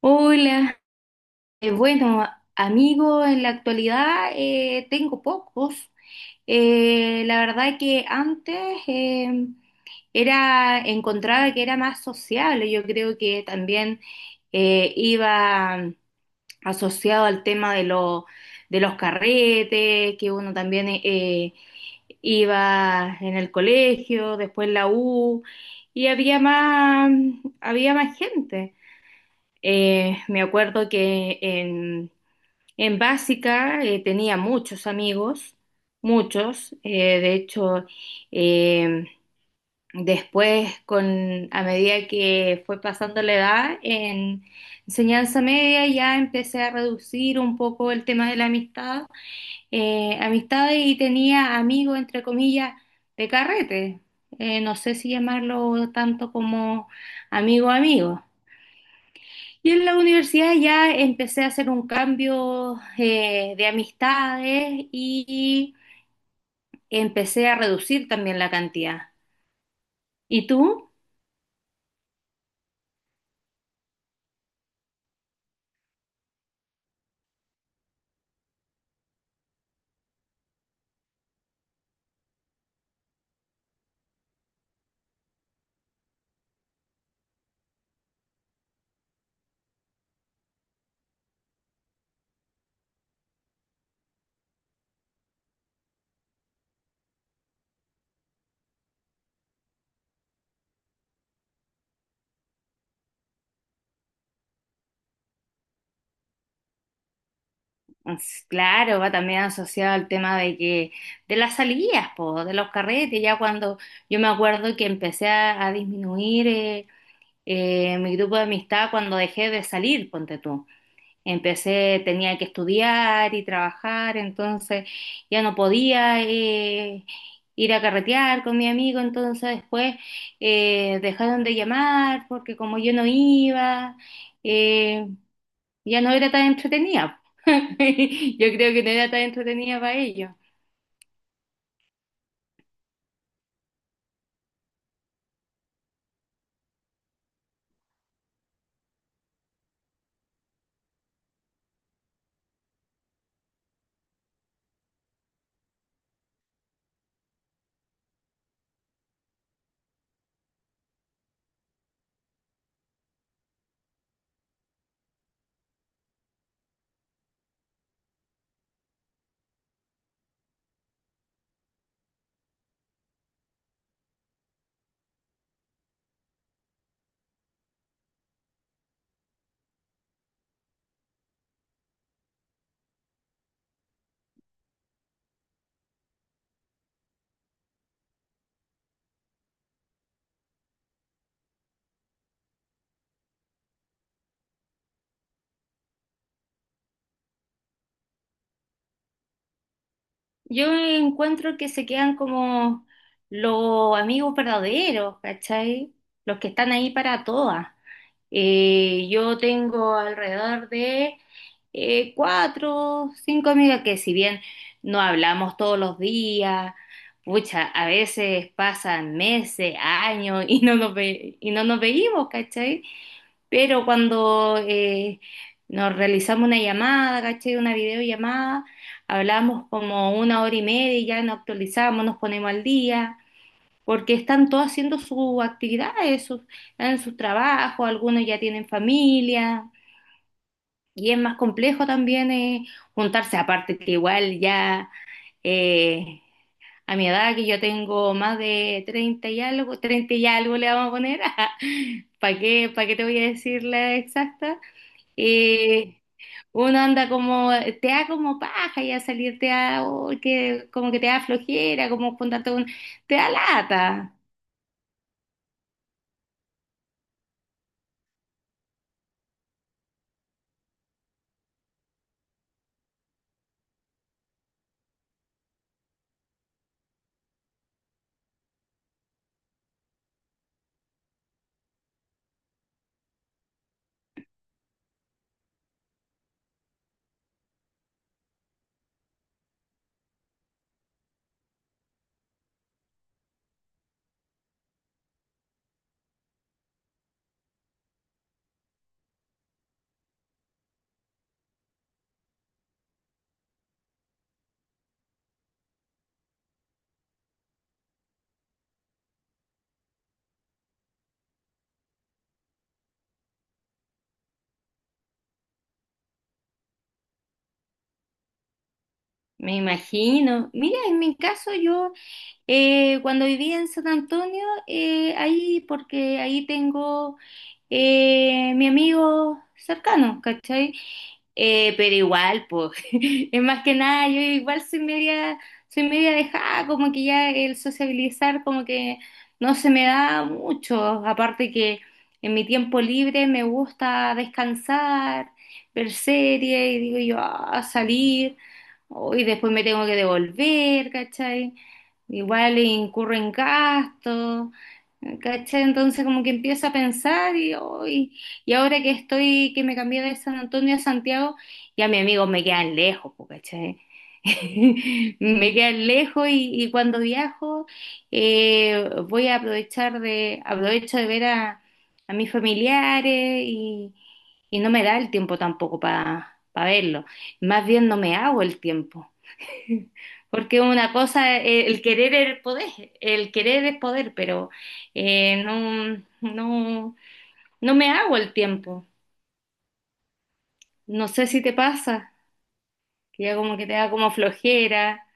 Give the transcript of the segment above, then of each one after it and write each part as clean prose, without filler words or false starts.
Hola. Eh, bueno, amigo, en la actualidad tengo pocos. La verdad que antes eh, encontraba que era más sociable. Yo creo que también iba asociado al tema de, de los carretes, que uno también iba en el colegio, después la U, y había más gente. Me acuerdo que en básica tenía muchos amigos, muchos. De hecho, eh, después, a medida que fue pasando la edad, en enseñanza media ya empecé a reducir un poco el tema de la amistad. Amistad y tenía amigos, entre comillas, de carrete. No sé si llamarlo tanto como amigo amigo. Yo en la universidad ya empecé a hacer un cambio de amistades y empecé a reducir también la cantidad. ¿Y tú? Pues, claro, va también asociado al tema de que de las salidas, po, de los carretes, ya cuando yo me acuerdo que empecé a disminuir mi grupo de amistad cuando dejé de salir, ponte tú. Empecé, tenía que estudiar y trabajar, entonces ya no podía ir a carretear con mi amigo, entonces después dejaron de llamar porque como yo no iba, eh, ya no era tan entretenida. Yo creo que no era tan entretenida para ellos. Yo encuentro que se quedan como los amigos verdaderos, ¿cachai? Los que están ahí para todas. Yo tengo alrededor de cuatro, cinco amigas que si bien no hablamos todos los días, pucha, a veces pasan meses, años y y no nos veíamos, ¿cachai? Pero cuando nos realizamos una llamada, ¿cachai? Una videollamada, hablamos como una hora y media y ya nos actualizamos, nos ponemos al día porque están todos haciendo sus actividades, sus, están en sus trabajos, algunos ya tienen familia, y es más complejo también juntarse, aparte que igual ya eh, a mi edad, que yo tengo más de 30 y algo le vamos a poner, para qué te voy a decir la exacta? Eh, Uno anda como, te da como paja ya salir, te da, oh, que, como que te da flojera, como juntarte con, te da lata. Me imagino. Mira, en mi caso yo cuando vivía en San Antonio, ahí porque ahí tengo mi amigo cercano, ¿cachai? Pero igual, pues, es más que nada, yo igual soy media dejada, como que ya el sociabilizar como que no se me da mucho. Aparte que en mi tiempo libre me gusta descansar, ver series y digo yo, "Ah, salir y después me tengo que devolver, ¿cachai? Igual incurro en gastos, ¿cachai?" Entonces como que empiezo a pensar y, hoy y ahora que estoy, que me cambié de San Antonio a Santiago, ya mis amigos me quedan lejos, po, ¿cachai? Me quedan lejos y cuando viajo voy a aprovechar de, aprovecho de ver a mis familiares y no me da el tiempo tampoco para verlos. Más bien no me hago el tiempo. Porque una cosa, el querer es el poder, el querer es poder, pero eh, no, no, no me hago el tiempo. No sé si te pasa, que ya como que te da como flojera.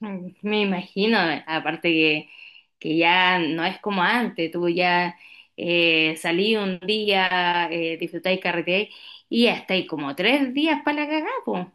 Mm, me imagino, aparte que ya no es como antes, tú ya salí un día, disfrutáis carreteáis y ya estáis como tres días para la cagada, po.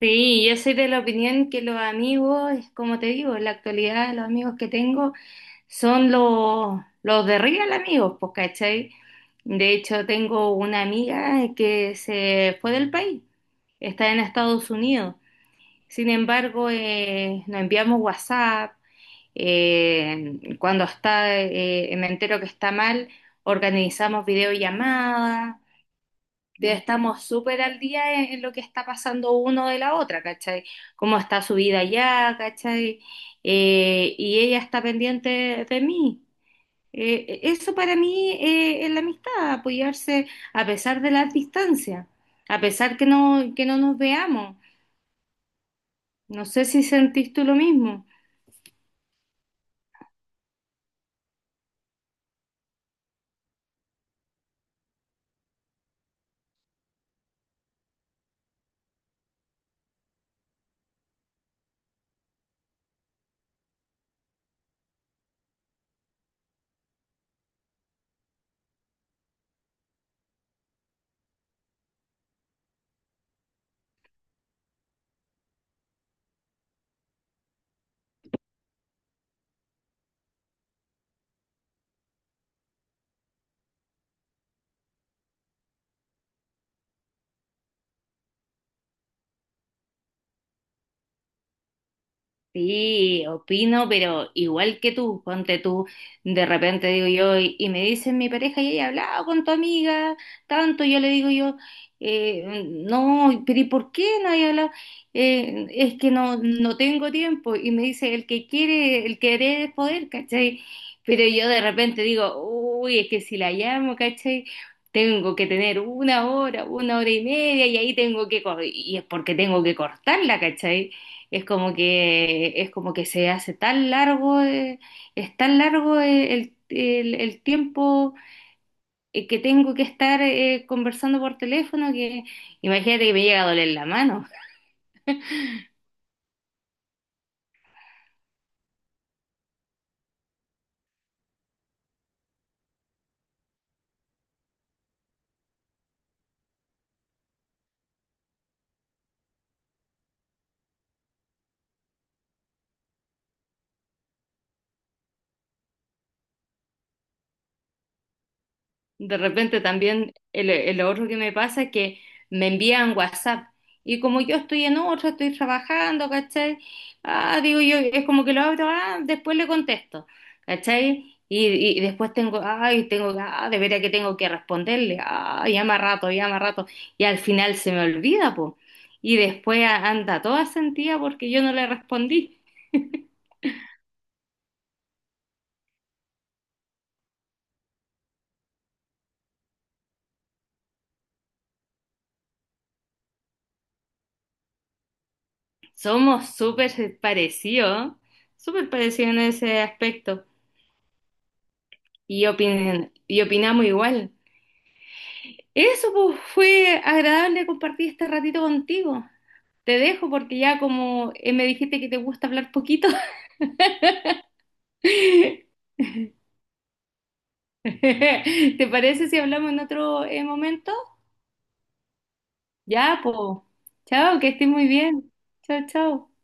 Sí, yo soy de la opinión que los amigos, es como te digo, en la actualidad los amigos que tengo son los de real amigos, pues, ¿cachai? De hecho, tengo una amiga que se fue del país, está en Estados Unidos. Sin embargo, nos enviamos WhatsApp, me entero que está mal, organizamos videollamadas estamos súper al día en lo que está pasando uno de la otra, ¿cachai? Cómo está su vida allá, ¿cachai? Y ella está pendiente de mí. Eso para mí es la amistad, apoyarse a pesar de las distancias, a pesar que no nos veamos. No sé si sentís tú lo mismo. Sí, opino, pero igual que tú, ponte tú, de repente digo yo, y me dicen mi pareja, y he hablado con tu amiga, tanto, yo le digo yo, no, pero ¿y por qué no hay hablado? Es que no, no tengo tiempo, y me dice, el que quiere, el querer es poder, ¿cachai? Pero yo de repente digo, uy, es que si la llamo, ¿cachai? Tengo que tener una hora y media, y ahí tengo y es porque tengo que cortarla, ¿cachai? Es como que se hace tan largo, es tan largo el tiempo que tengo que estar conversando por teléfono que imagínate que me llega a doler la mano. De repente también el otro que me pasa es que me envían WhatsApp y como yo estoy en otra, estoy trabajando, ¿cachai? Ah, digo yo, es como que lo abro, ah, después le contesto, ¿cachai? Y después tengo, ay, tengo, ah, de veras que tengo que responderle, ah, llama rato, y al final se me olvida, po. Y después anda toda sentida porque yo no le respondí. Somos súper parecidos en ese aspecto. Y, y opinamos igual. Eso pues fue agradable compartir este ratito contigo. Te dejo porque ya como me dijiste que te gusta hablar poquito. ¿Te parece si hablamos en otro momento? Ya, pues. Chao, que estés muy bien. Chao, chao.